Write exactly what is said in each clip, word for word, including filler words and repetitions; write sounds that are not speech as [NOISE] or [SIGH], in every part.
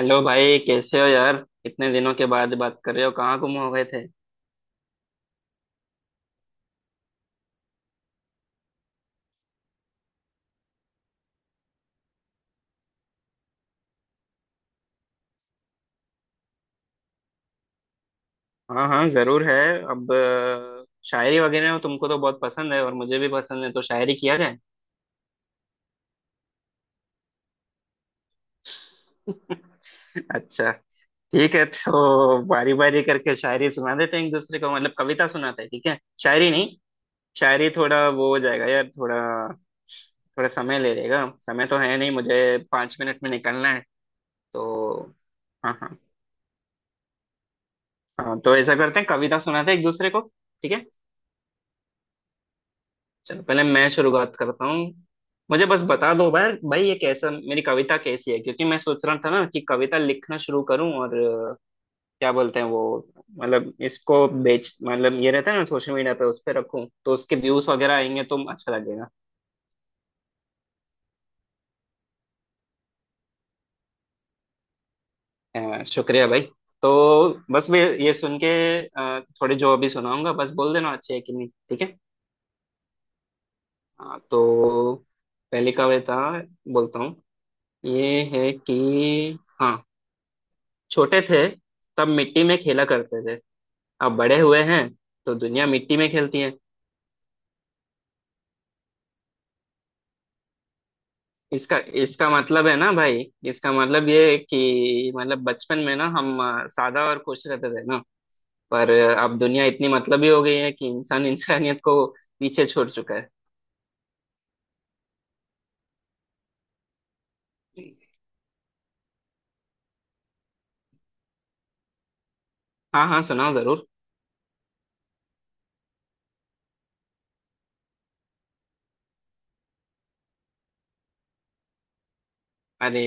Hello भाई, कैसे हो यार। इतने दिनों के बाद बात कर रहे हो, कहाँ गुम हो गए थे? हाँ हाँ, जरूर है। अब अ, शायरी वगैरह तुमको तो बहुत पसंद है और मुझे भी पसंद है, तो शायरी किया जाए। [LAUGHS] अच्छा। ठीक है, तो बारी बारी करके शायरी सुना देते हैं एक दूसरे को, मतलब कविता सुनाते हैं, ठीक है। शायरी नहीं। शायरी थोड़ा वो हो जाएगा यार, थोड़ा थोड़ा समय ले लेगा, समय तो है नहीं, मुझे पाँच मिनट में निकलना है। तो हाँ हाँ। हाँ, तो ऐसा करते हैं, कविता सुनाते हैं एक दूसरे को। ठीक है। चलो, पहले मैं शुरुआत करता हूँ। मुझे बस बता दो भाई, भाई ये कैसा, मेरी कविता कैसी है, क्योंकि मैं सोच रहा था ना कि कविता लिखना शुरू करूँ और अ, क्या बोलते हैं वो, मतलब इसको बेच मतलब ये रहता है ना सोशल मीडिया पे, उस पर रखूँ तो उसके व्यूज वगैरह आएंगे तो अच्छा लगेगा। अ, शुक्रिया भाई। तो बस मैं ये सुन के अ, थोड़े जो अभी सुनाऊंगा बस बोल देना अच्छी है कि नहीं, ठीक है। हाँ, तो पहली कविता बोलता हूँ। ये है कि हाँ, छोटे थे तब मिट्टी में खेला करते थे, अब बड़े हुए हैं तो दुनिया मिट्टी में खेलती है। इसका इसका मतलब है ना भाई, इसका मतलब ये है कि मतलब बचपन में ना हम अ, सादा और खुश रहते थे ना, पर अ, अब दुनिया इतनी मतलबी हो गई है कि इंसान इंसानियत को पीछे छोड़ चुका है। हाँ हाँ सुनाओ जरूर। अरे,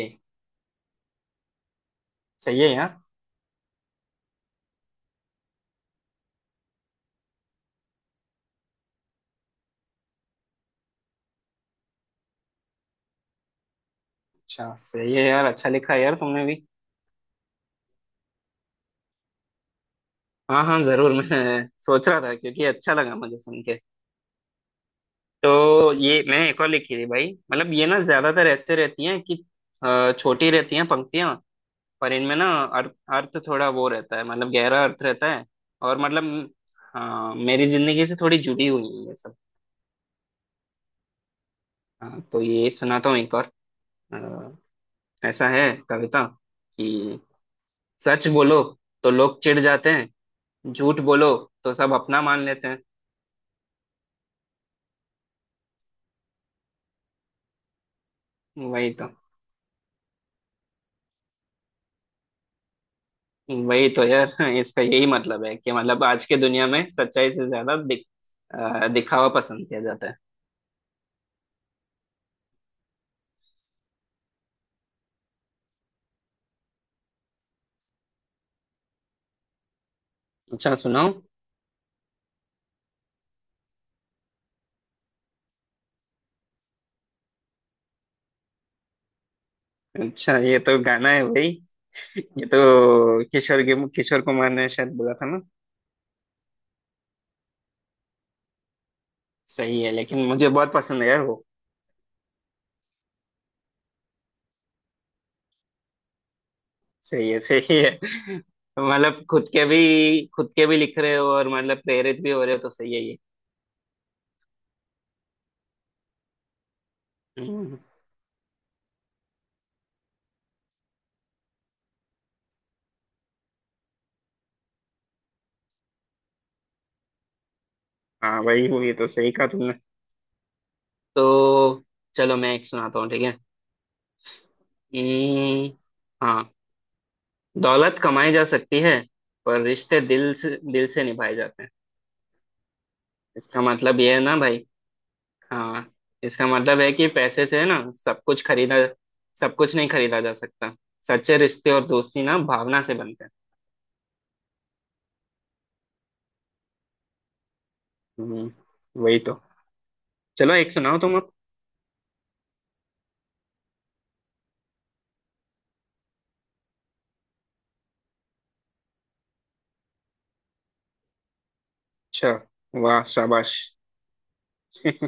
सही है यार। अच्छा, सही है यार, अच्छा लिखा है यार तुमने भी। हाँ हाँ जरूर, मैं सोच रहा था क्योंकि अच्छा लगा मुझे सुन के। तो ये मैंने एक और लिखी थी भाई, मतलब ये ना ज्यादातर ऐसे रहती हैं कि अ, छोटी रहती हैं पंक्तियां, पर इनमें ना अर्थ अर्थ थोड़ा वो रहता है, मतलब गहरा अर्थ रहता है। और मतलब हाँ, मेरी जिंदगी से थोड़ी जुड़ी हुई है ये सब। हाँ तो ये सुनाता हूँ एक और। अ, ऐसा है कविता कि सच बोलो तो लोग चिढ़ जाते हैं, झूठ बोलो तो सब अपना मान लेते हैं। वही तो, वही तो यार। इसका यही मतलब है कि मतलब आज के दुनिया में सच्चाई से ज्यादा दिख, अ, दिखावा पसंद किया जाता है। अच्छा सुनाओ। अच्छा, ये तो गाना है भाई। ये तो किशोर के किशोर कुमार ने शायद बोला था ना। सही है, लेकिन मुझे बहुत पसंद है यार वो। सही है सही है। मतलब खुद के भी खुद के भी लिख रहे हो और मतलब प्रेरित भी हो रहे हो, तो सही है ये। हम्म। हाँ भाई वो, ये तो सही कहा तुमने। तो चलो मैं एक सुनाता हूँ, ठीक है। हम्म, हाँ, दौलत कमाई जा सकती है पर रिश्ते दिल से दिल से निभाए जाते हैं। इसका मतलब ये है ना भाई। हाँ। इसका मतलब है कि पैसे से ना सब कुछ खरीदा सब कुछ नहीं खरीदा जा सकता, सच्चे रिश्ते और दोस्ती ना भावना से बनते हैं। हम्म, वही तो। चलो एक सुनाओ तुम अब। अच्छा, वाह शाबाश। [LAUGHS]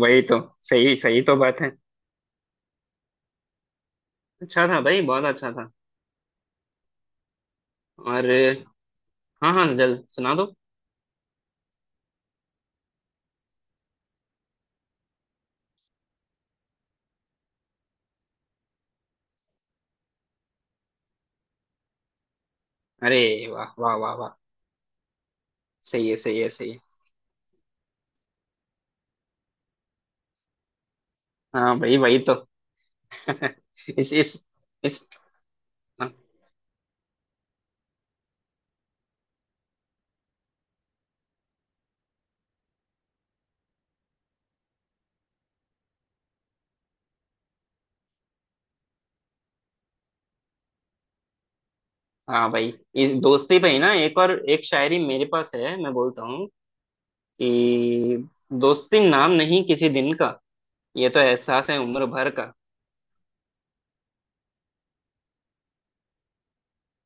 वही तो। सही सही तो बात है। अच्छा था भाई, बहुत अच्छा था। और हाँ हाँ, जल्द सुना दो। अरे, वाह वाह वाह वाह। सही है सही है सही है। हाँ भाई वही तो। [LAUGHS] इस इस इस हाँ भाई, इस दोस्ती पे ही ना एक और एक शायरी मेरे पास है, मैं बोलता हूँ कि दोस्ती नाम नहीं किसी दिन का, ये तो एहसास है उम्र भर का।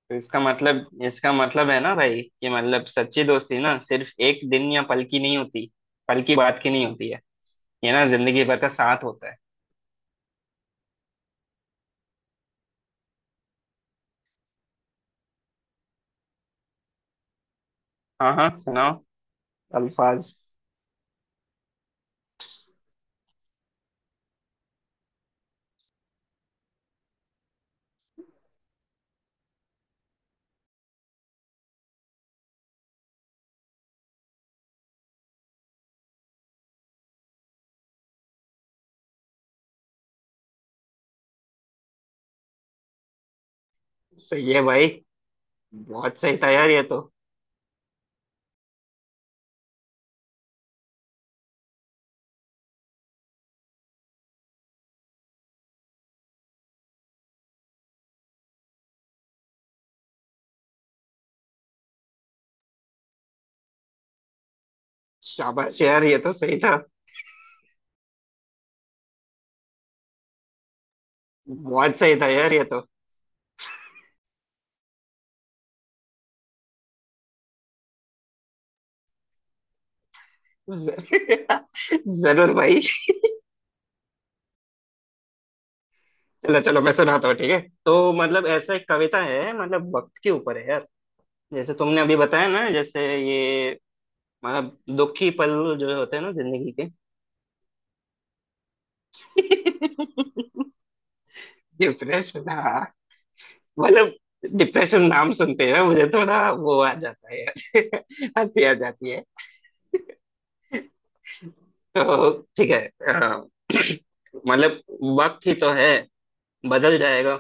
तो इसका मतलब इसका मतलब है ना भाई कि मतलब सच्ची दोस्ती ना सिर्फ एक दिन या पल की नहीं होती पल की बात की नहीं होती है, ये ना जिंदगी भर का साथ होता है। हाँ हाँ सुनाओ। अल्फाज। सही है भाई। बहुत सही था यार ये तो। शाबाश यार ये तो सही था। बहुत सही था यार ये तो। जरूर [LAUGHS] जरूर भाई। चलो चलो मैं सुनाता हूँ, ठीक है। तो मतलब ऐसा एक कविता है, मतलब वक्त के ऊपर है यार। जैसे तुमने अभी बताया ना, जैसे ये, मतलब दुखी पल जो होते हैं ना जिंदगी के। [LAUGHS] डिप्रेशन हाँ। मतलब डिप्रेशन नाम सुनते हैं मुझे थोड़ा वो आ जाता है यार, [LAUGHS] हंसी आ जाती है। तो ठीक है। अ, [CLEARS THROAT] मतलब वक्त ही तो है बदल जाएगा,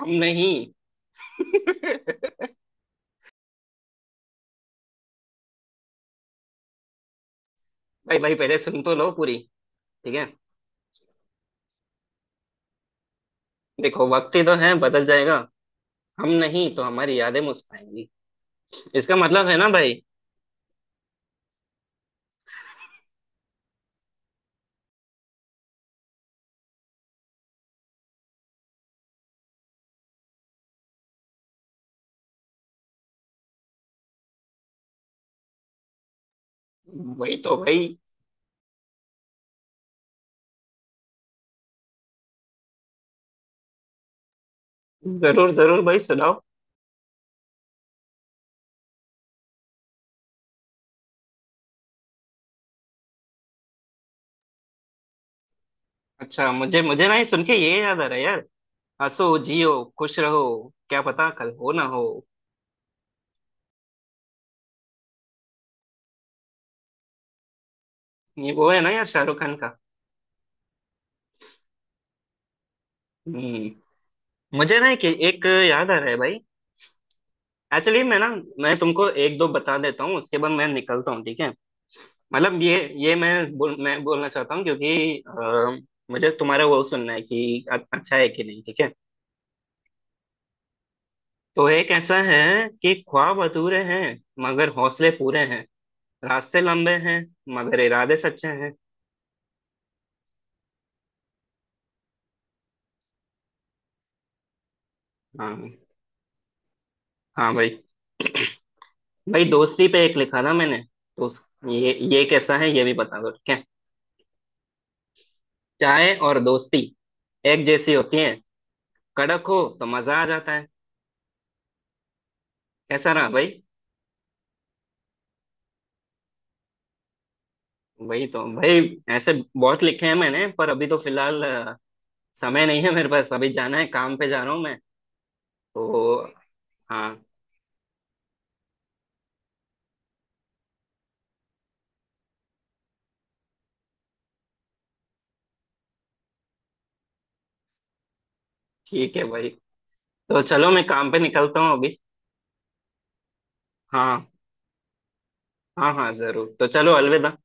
हम नहीं। [LAUGHS] भाई, भाई पहले सुन तो लो पूरी। ठीक है, देखो वक्त ही तो है बदल जाएगा, हम नहीं तो हमारी यादें मुस्कुराएंगी। इसका मतलब है ना भाई। वही तो भाई। जरूर जरूर भाई, सुनाओ। अच्छा, मुझे मुझे ना ये सुन के ये याद आ रहा है यार, हंसो जियो खुश रहो, क्या पता कल हो ना हो। ये वो है ना यार, शाहरुख खान का। हम्म। मुझे ना एक, एक याद आ रहा है भाई, एक्चुअली मैं ना, मैं तुमको एक दो बता देता हूँ उसके बाद मैं निकलता हूँ, ठीक है। मतलब ये ये मैं बोल मैं बोलना चाहता हूँ, क्योंकि अ, मुझे तुम्हारा वो सुनना है कि अ- अच्छा है कि नहीं, ठीक है। तो एक ऐसा है कि ख्वाब अधूरे हैं मगर हौसले पूरे हैं, रास्ते लंबे हैं मगर इरादे सच्चे हैं। हाँ। हाँ भाई। भाई, दोस्ती पे एक लिखा था मैंने, तो उस, ये ये कैसा है ये भी बता दो, ठीक है। चाय और दोस्ती एक जैसी होती है, कड़क हो तो मजा आ जाता है। कैसा रहा भाई? वही तो भाई। ऐसे बहुत लिखे हैं मैंने पर अभी तो फिलहाल अ, समय नहीं है मेरे पास, अभी जाना है, काम पे जा रहा हूँ मैं। तो हाँ, ठीक है भाई। तो चलो मैं काम पे निकलता हूँ अभी। हाँ हाँ हाँ जरूर, तो चलो अलविदा।